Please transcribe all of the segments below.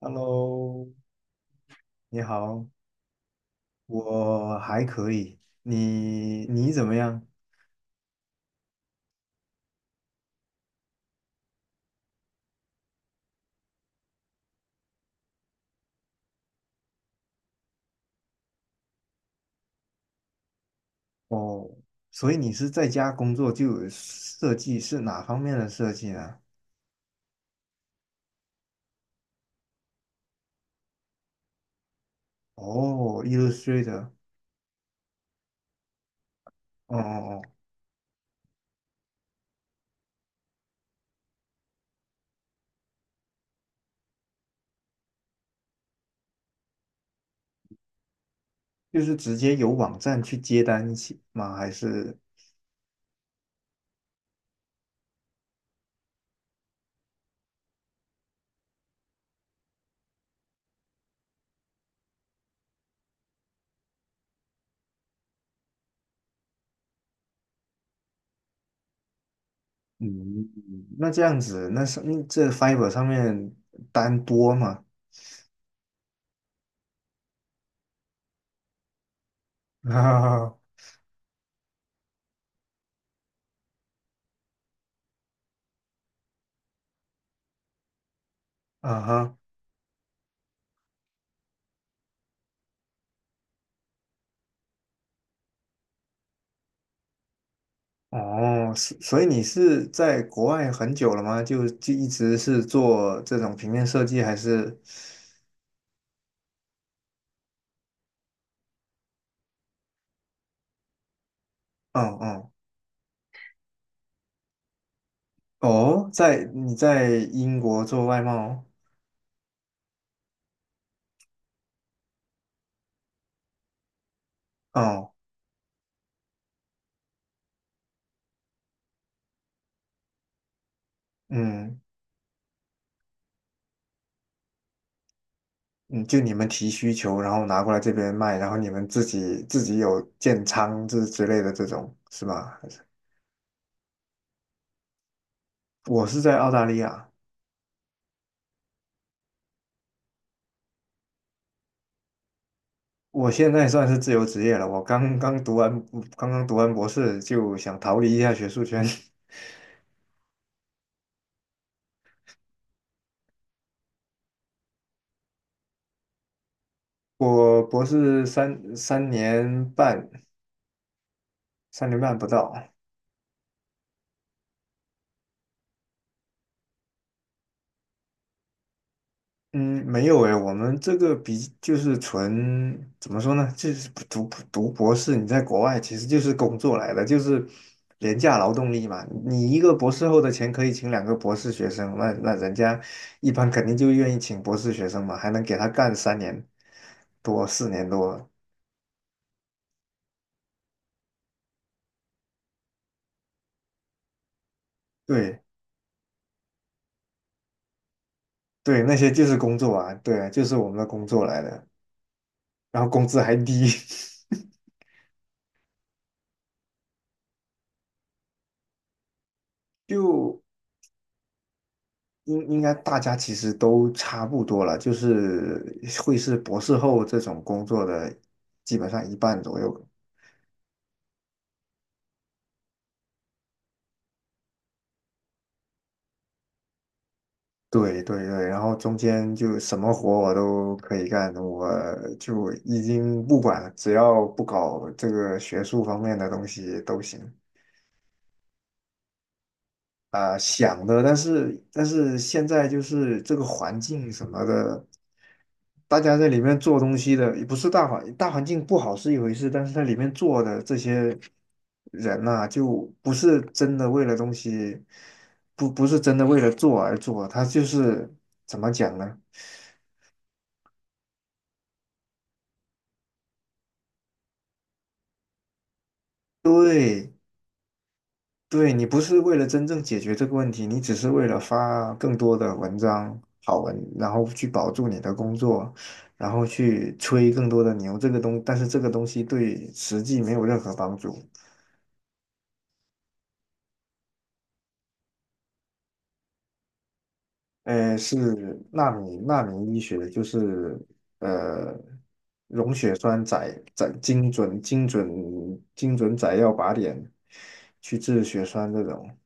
Hello，你好，我还可以，你怎么样？哦，所以你是在家工作就有设计，是哪方面的设计呢？哦，Illustrator，哦哦哦，就是直接有网站去接单起吗？还是嗯，那这样子，那上这 Fiverr 上面单多吗？啊哈，哦，所以你是在国外很久了吗？就一直是做这种平面设计，还是？嗯嗯，哦，在你在英国做外贸，哦，嗯嗯，就你们提需求，然后拿过来这边卖，然后你们自己有建仓之类的这种是吗？还是我是在澳大利亚，我现在算是自由职业了，我刚刚读完刚刚读完博士，就想逃离一下学术圈。我博士三年半，三年半不到。嗯，没有诶，我们这个比就是纯怎么说呢？就是读博士，你在国外其实就是工作来的，就是廉价劳动力嘛。你一个博士后的钱可以请两个博士学生，那人家一般肯定就愿意请博士学生嘛，还能给他干三年多、四年多。对对，那些就是工作啊，对啊，就是我们的工作来的，然后工资还低。就应该大家其实都差不多了，就是会是博士后这种工作的，基本上一半左右。对对对，然后中间就什么活我都可以干，我就已经不管了，只要不搞这个学术方面的东西都行。啊、想的，但是现在就是这个环境什么的，大家在里面做东西的，也不是大环境不好是一回事，但是在里面做的这些人呐、就不是真的为了东西，不是真的为了做而做，他就是怎么讲呢？对。对，你不是为了真正解决这个问题，你只是为了发更多的文章、好文，然后去保住你的工作，然后去吹更多的牛。这个东，但是这个东西对实际没有任何帮助。呃，是纳米医学，就是呃溶血栓载精准载药靶点去治血栓这种。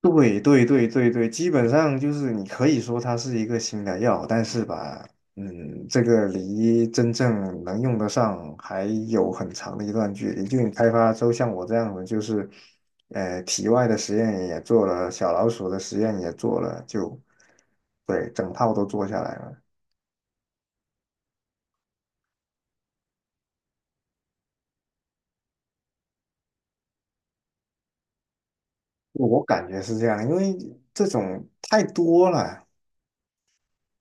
对对对对对，基本上就是你可以说它是一个新的药，但是吧，嗯，这个离真正能用得上还有很长的一段距离。就你开发出像我这样的，就是，呃，体外的实验也做了，小老鼠的实验也做了，就，对，整套都做下来了。我感觉是这样，因为这种太多了。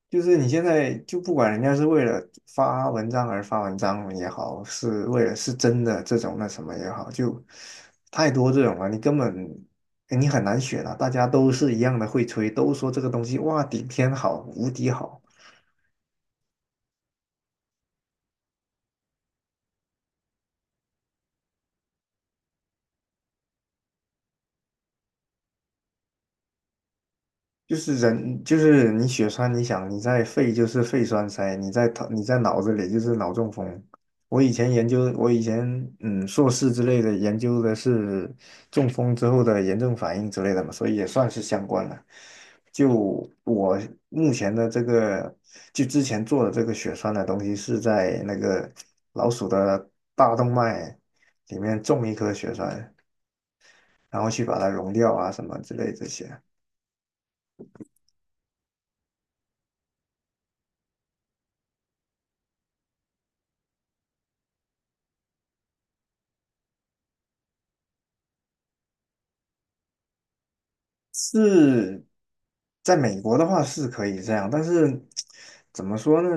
就是你现在就不管人家是为了发文章而发文章也好，是为了是真的这种那什么也好，就太多这种了，你根本你很难选啊。大家都是一样的会吹，都说这个东西哇顶天好，无敌好，就是人，就是你血栓，你想你在肺就是肺栓塞，你在头你在脑子里就是脑中风。我以前硕士之类的研究的是中风之后的炎症反应之类的嘛，所以也算是相关了。就我目前的这个，就之前做的这个血栓的东西是在那个老鼠的大动脉里面种一颗血栓，然后去把它溶掉啊什么之类这些。是在美国的话是可以这样，但是怎么说呢？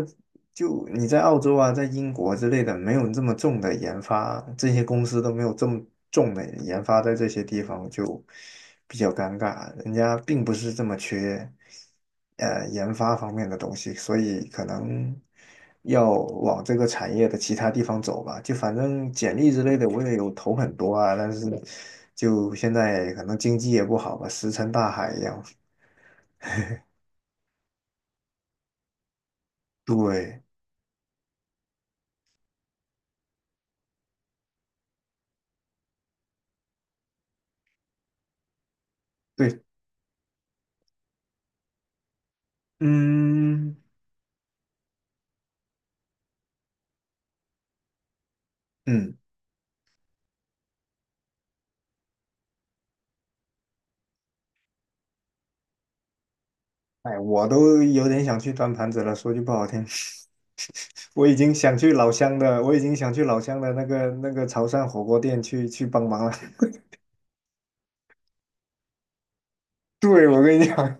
就你在澳洲啊，在英国之类的，没有这么重的研发，这些公司都没有这么重的研发在这些地方，就比较尴尬。人家并不是这么缺，呃研发方面的东西，所以可能要往这个产业的其他地方走吧。就反正简历之类的我也有投很多啊，但是就现在可能经济也不好吧，石沉大海一样。对对，嗯嗯，哎，我都有点想去端盘子了。说句不好听，我已经想去老乡的那个潮汕火锅店去帮忙了。对，我跟你讲，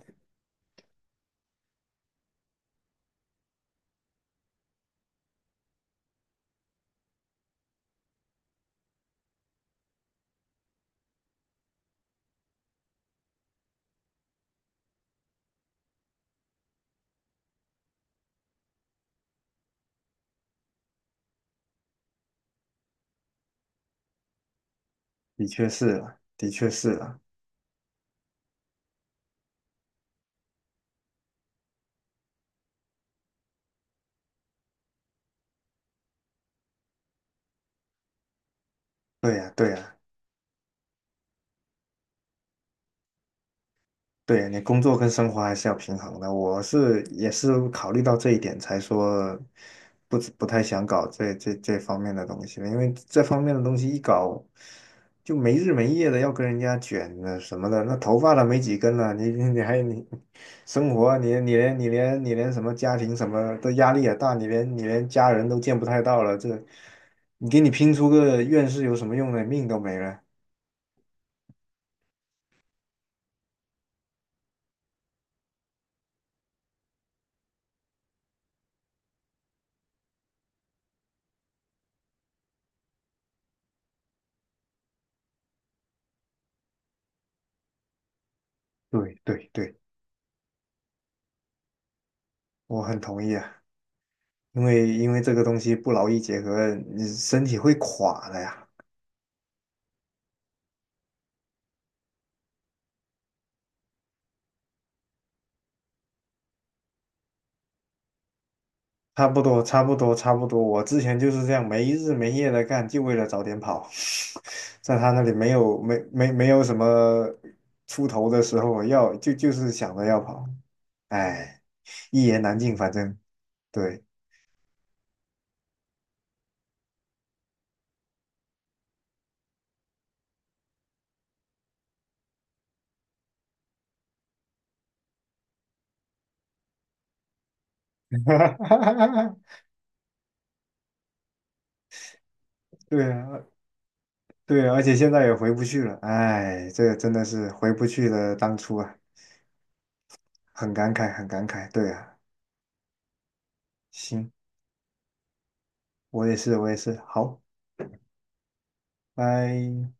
的确是了，的确是了。对呀，对呀。对，你工作跟生活还是要平衡的。我是也是考虑到这一点，才说不太想搞这方面的东西了，因为这方面的东西一搞就没日没夜的要跟人家卷的什么的，那头发都没几根了，你生活啊你连什么家庭什么的压力也大，你连家人都见不太到了，这你给你拼出个院士有什么用呢？命都没了。对对对，我很同意啊。因为这个东西不劳逸结合，你身体会垮的呀。差不多，差不多，差不多。我之前就是这样没日没夜的干，就为了早点跑。在他那里没有什么出头的时候，要就是想着要跑。哎，一言难尽，反正对，对啊，对啊，而且现在也回不去了。哎，这个真的是回不去了，当初啊，很感慨，很感慨。对啊，行，我也是，好。拜。